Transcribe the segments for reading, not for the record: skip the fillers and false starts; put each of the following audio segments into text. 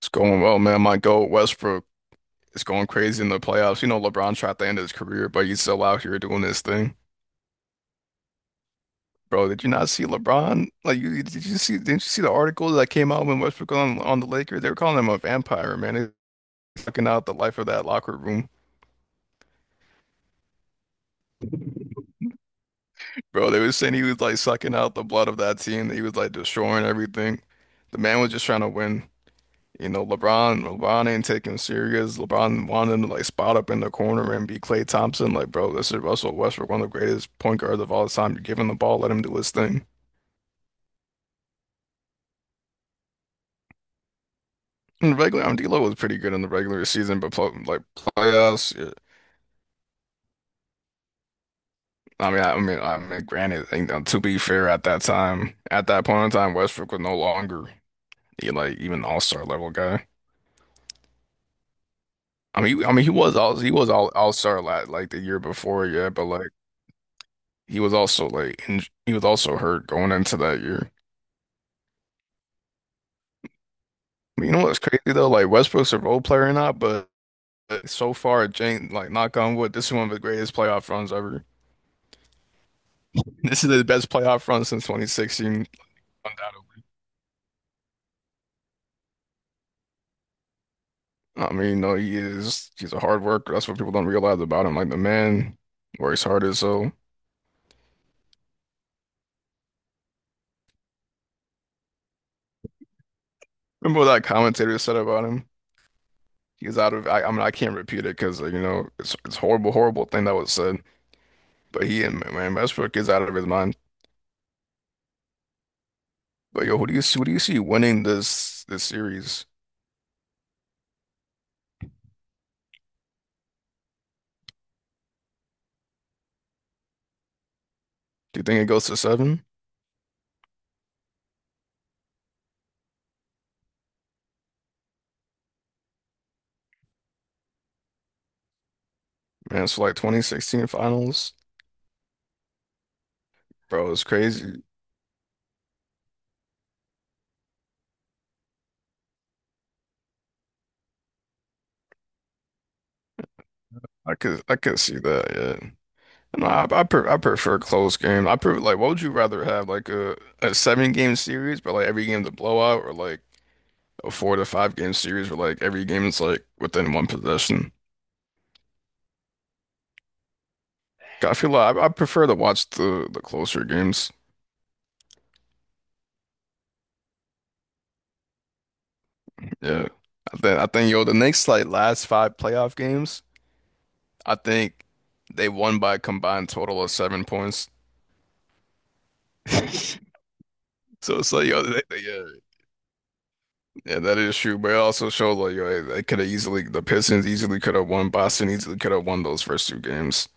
It's going well, man. My goat, Westbrook, is going crazy in the playoffs. LeBron tried to end his career, but he's still out here doing his thing. Bro, did you not see LeBron? Like, did you see? Didn't you see the article that came out when Westbrook was on the Lakers? They were calling him a vampire, man. He's sucking out the life of that locker room, bro. They were saying he was like sucking out the blood of that team. He was like destroying everything. The man was just trying to win. LeBron ain't taking him serious. LeBron wanted him to like spot up in the corner and be Klay Thompson. Like, bro, this is Russell Westbrook, one of the greatest point guards of all time. You give him the ball, let him do his thing. In the regular, I mean, D'Lo was pretty good in the regular season, but pl like playoffs, yeah. I mean, I mean, granted, to be fair, at that time, at that point in time, Westbrook was no longer he, like even all-star level guy. I mean, I mean, he was all-star la like the year before, yeah, but like he was also he was also hurt going into that year. You know what's crazy though? Like Westbrook's a role player or not, but so far, Jane, like knock on wood, this is one of the greatest playoff runs ever. This is the best playoff run since 2016, undoubtedly. I mean, no, he's a hard worker. That's what people don't realize about him. Like the man works hard as so. Remember what that commentator said about him? He's out of I mean I can't repeat it because it's horrible, horrible thing that was said. But he and man Westbrook is out of his mind. But yo, who do you see? Who do you see winning this series? Do you think it goes to seven? Man, so like 2016 finals, bro, it's crazy. I could see that, yeah. No, I prefer close game. I prefer like what would you rather have like a seven game series, but like every game's a blowout, or like a four to five game series where like every game is like within one possession. 'Cause I feel like I prefer to watch the closer games. Yeah, I think yo the next like last five playoff games, I think they won by a combined total of 7 points. So it's like yo, yeah. Yeah, that is true, but it also shows like yo, they could have easily the Pistons easily could have won. Boston easily could have won those first two games.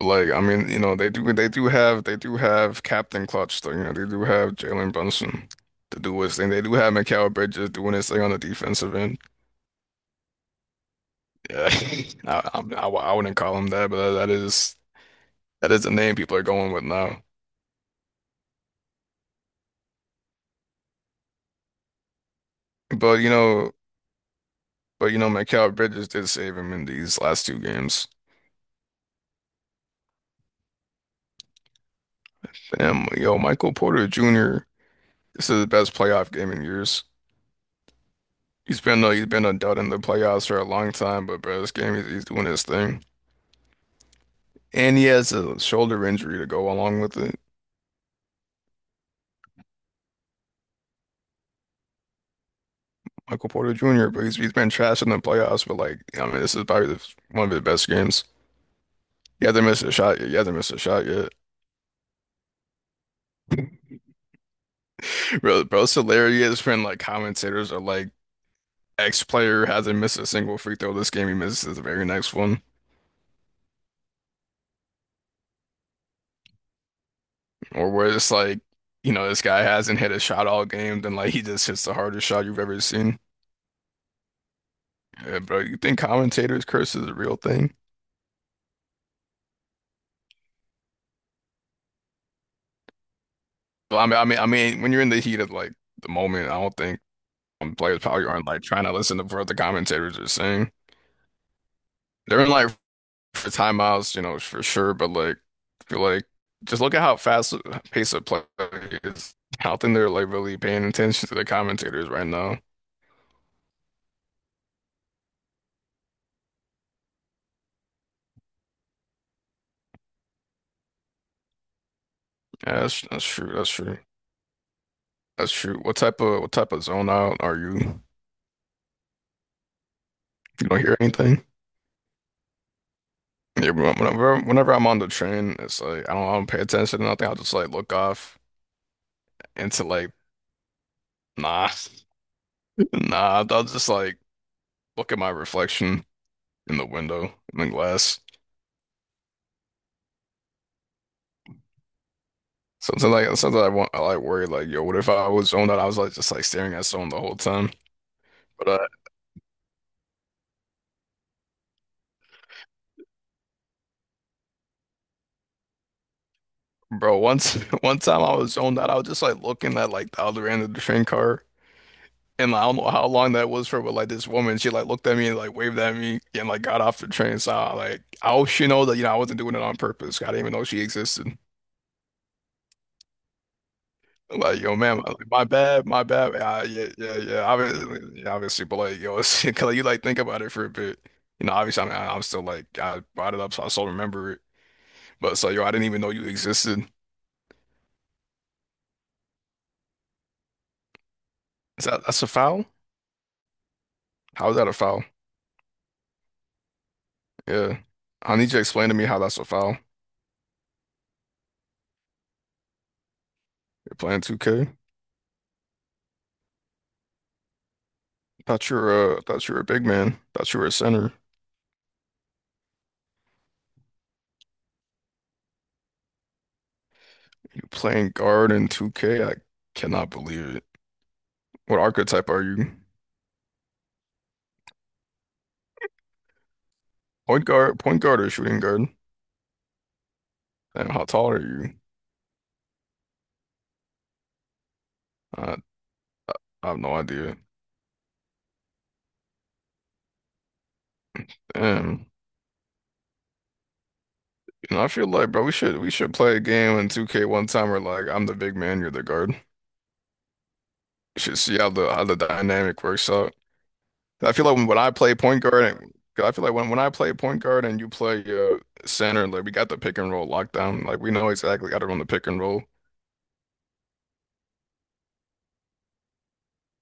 Like, I mean, they do have Captain Clutch though, they do have Jalen Brunson to do his thing. They do have Mikal Bridges doing his thing on the defensive end. Yeah, I wouldn't call him that, but that is the name people are going with now. But you know, Mikal Bridges did save him in these last two games. Damn, yo, Michael Porter Jr. This is the best playoff game in years. He's been a dud in the playoffs for a long time, but bro, this game he's doing his thing, and he has a shoulder injury to go along with it. Michael Porter Jr., but he's been trash in the playoffs, but like I mean, this is probably one of his best games. He hasn't missed a shot yet. He hasn't missed a shot yet. Bro, it's hilarious when like commentators are like, X player hasn't missed a single free throw this game. He misses the very next one, or where it's like, this guy hasn't hit a shot all game, then like he just hits the hardest shot you've ever seen. Yeah, bro, you think commentators curse is a real thing? Well, I mean, when you're in the heat of like the moment, I don't think players probably aren't like trying to listen to what the commentators are saying. They're in like for timeouts, for sure. But like, I feel like just look at how fast the pace of play is. I don't think they're like really paying attention to the commentators right now. Yeah, that's true. That's true. That's true. What type of zone out are you? You don't hear anything? Yeah, but whenever I'm on the train, it's like I don't pay attention to nothing. I'll just like look off into like nah, nah. I'll just like look at my reflection in the window in the glass. Sometimes I worry like yo, what if I was zoned out? I was like just like staring at someone the whole time. But bro, once one time I was zoned out, I was just like looking at like the other end of the train car. And like, I don't know how long that was for, but like this woman, she like looked at me and like waved at me and like got off the train. So I hope she know that I wasn't doing it on purpose. I didn't even know she existed. Like yo, man, like, my bad, my bad. Yeah, yeah, yeah. Obviously, yeah, obviously, but like yo, it's, 'cause, like, you like think about it for a bit. Obviously, I mean, I'm still like I brought it up, so I still remember it. But so yo, I didn't even know you existed. Is that that's a foul? How is that a foul? Yeah, I need you to explain to me how that's a foul. You're playing 2K. Thought you were a big man. Thought you were a center. You playing guard in 2K? I cannot believe it. What archetype are you? Point guard or shooting guard? Damn, how tall are you? I, I have no idea. Damn. I feel like, bro, we should play a game in 2K one time where like I'm the big man, you're the guard. We should see how the dynamic works out. I feel like when I play point guard and 'cause I feel like when I play point guard and you play center, like we got the pick and roll lockdown. Like we know exactly how to run the pick and roll.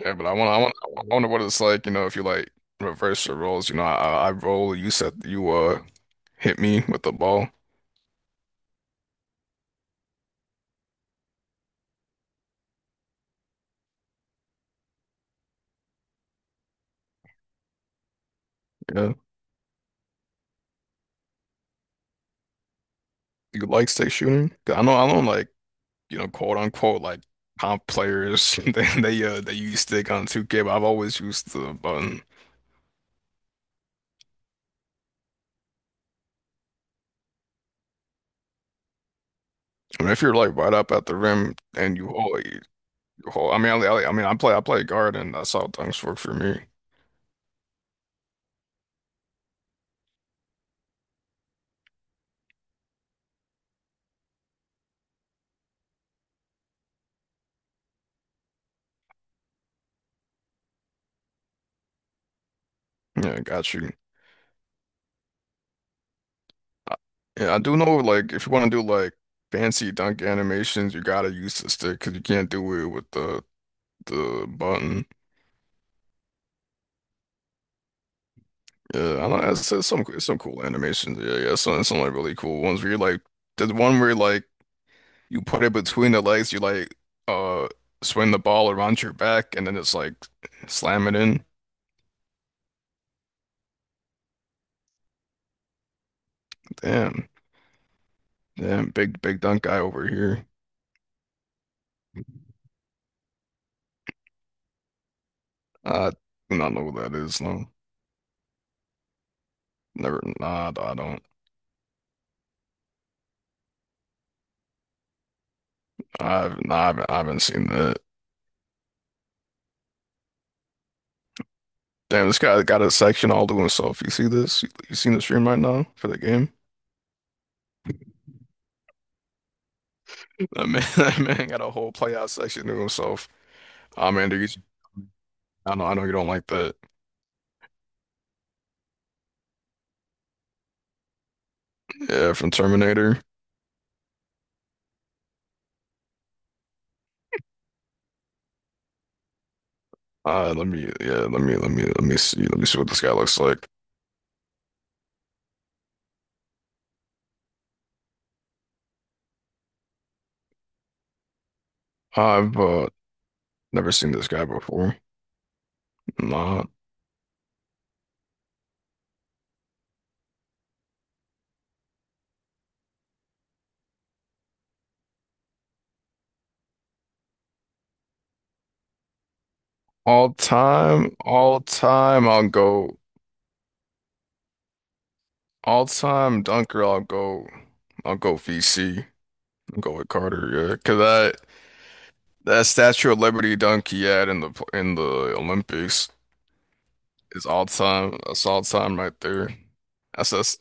Yeah, but I wonder what it's like, if you like reverse your roles. I roll. You said you hit me with the ball. Yeah, you like stick shooting? 'Cause I know, like quote unquote, like comp players. They use stick on 2K, but I've always used the button. I mean, if you're like right up at the rim and you hold, you hold. I mean, I mean, I play guard, and that's how things work for me. Yeah, got you. Uh, Yeah, I do know like if you want to do like fancy dunk animations, you gotta use the stick because you can't do it with the button. Yeah, I know. It's some cool animations. Yeah, yeah, some like really cool ones where you like there's one where like you put it between the legs, you like uh swing the ball around your back and then it's like slam it in. Damn, damn, big big dunk guy over here. I do not know who that is. No, never. Nah, I don't. I've nah, I haven't seen that. Damn, this guy got a section all to himself. You see this? You seen the stream right now for the game? That man, that man got a whole playout section to himself. Ah, man, dude, I know you don't like that. Yeah, from Terminator. Yeah, let me, let me, let me see what this guy looks like. I've never seen this guy before. Nah. All time, I'll go. All time dunker, I'll go. I'll go VC. I'll go with Carter. Yeah, cause I. That Statue of Liberty dunk he had in the Olympics is all time. That's all time right there. That's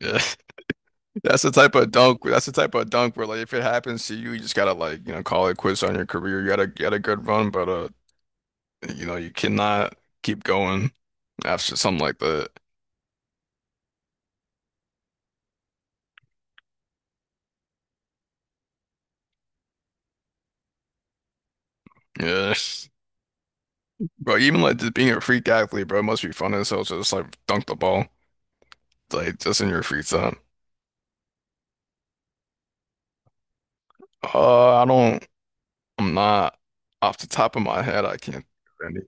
yeah. That's the type of dunk. That's the type of dunk where like if it happens to you, you just gotta like call it quits on your career. You gotta get a good run, but you cannot keep going after something like that. Yeah, bro. Even like just being a freak athlete, bro, it must be fun as hell just like dunk the ball like just in your free time. I don't. I'm not off the top of my head. I can't think of any.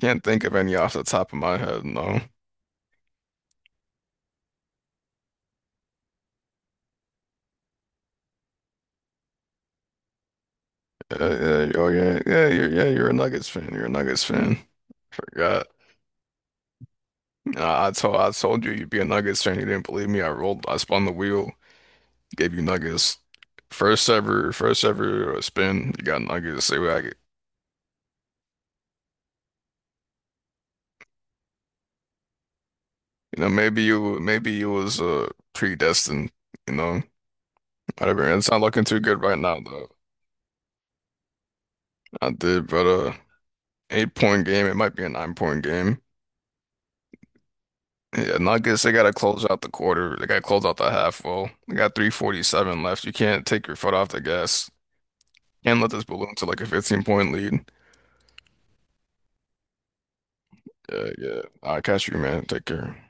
Can't think of any off the top of my head. No. Yeah, yeah, oh yeah, yeah. You're yeah. You're a Nuggets fan. You're a Nuggets fan. Forgot. Nah, I told you you'd be a Nuggets fan. You didn't believe me. I rolled. I spun the wheel. Gave you Nuggets. First ever. First ever spin. You got Nuggets. See what I get. Maybe you was predestined. You know, whatever. It's not looking too good right now though. I did, but 8 point game. It might be a 9 point game. Yeah, Nuggets, they gotta close out the quarter. They gotta close out the half. Well, they got 3:47 left. You can't take your foot off the gas. Can't let this balloon to like a 15 point lead. Yeah, yeah. I'll catch you, man. Take care.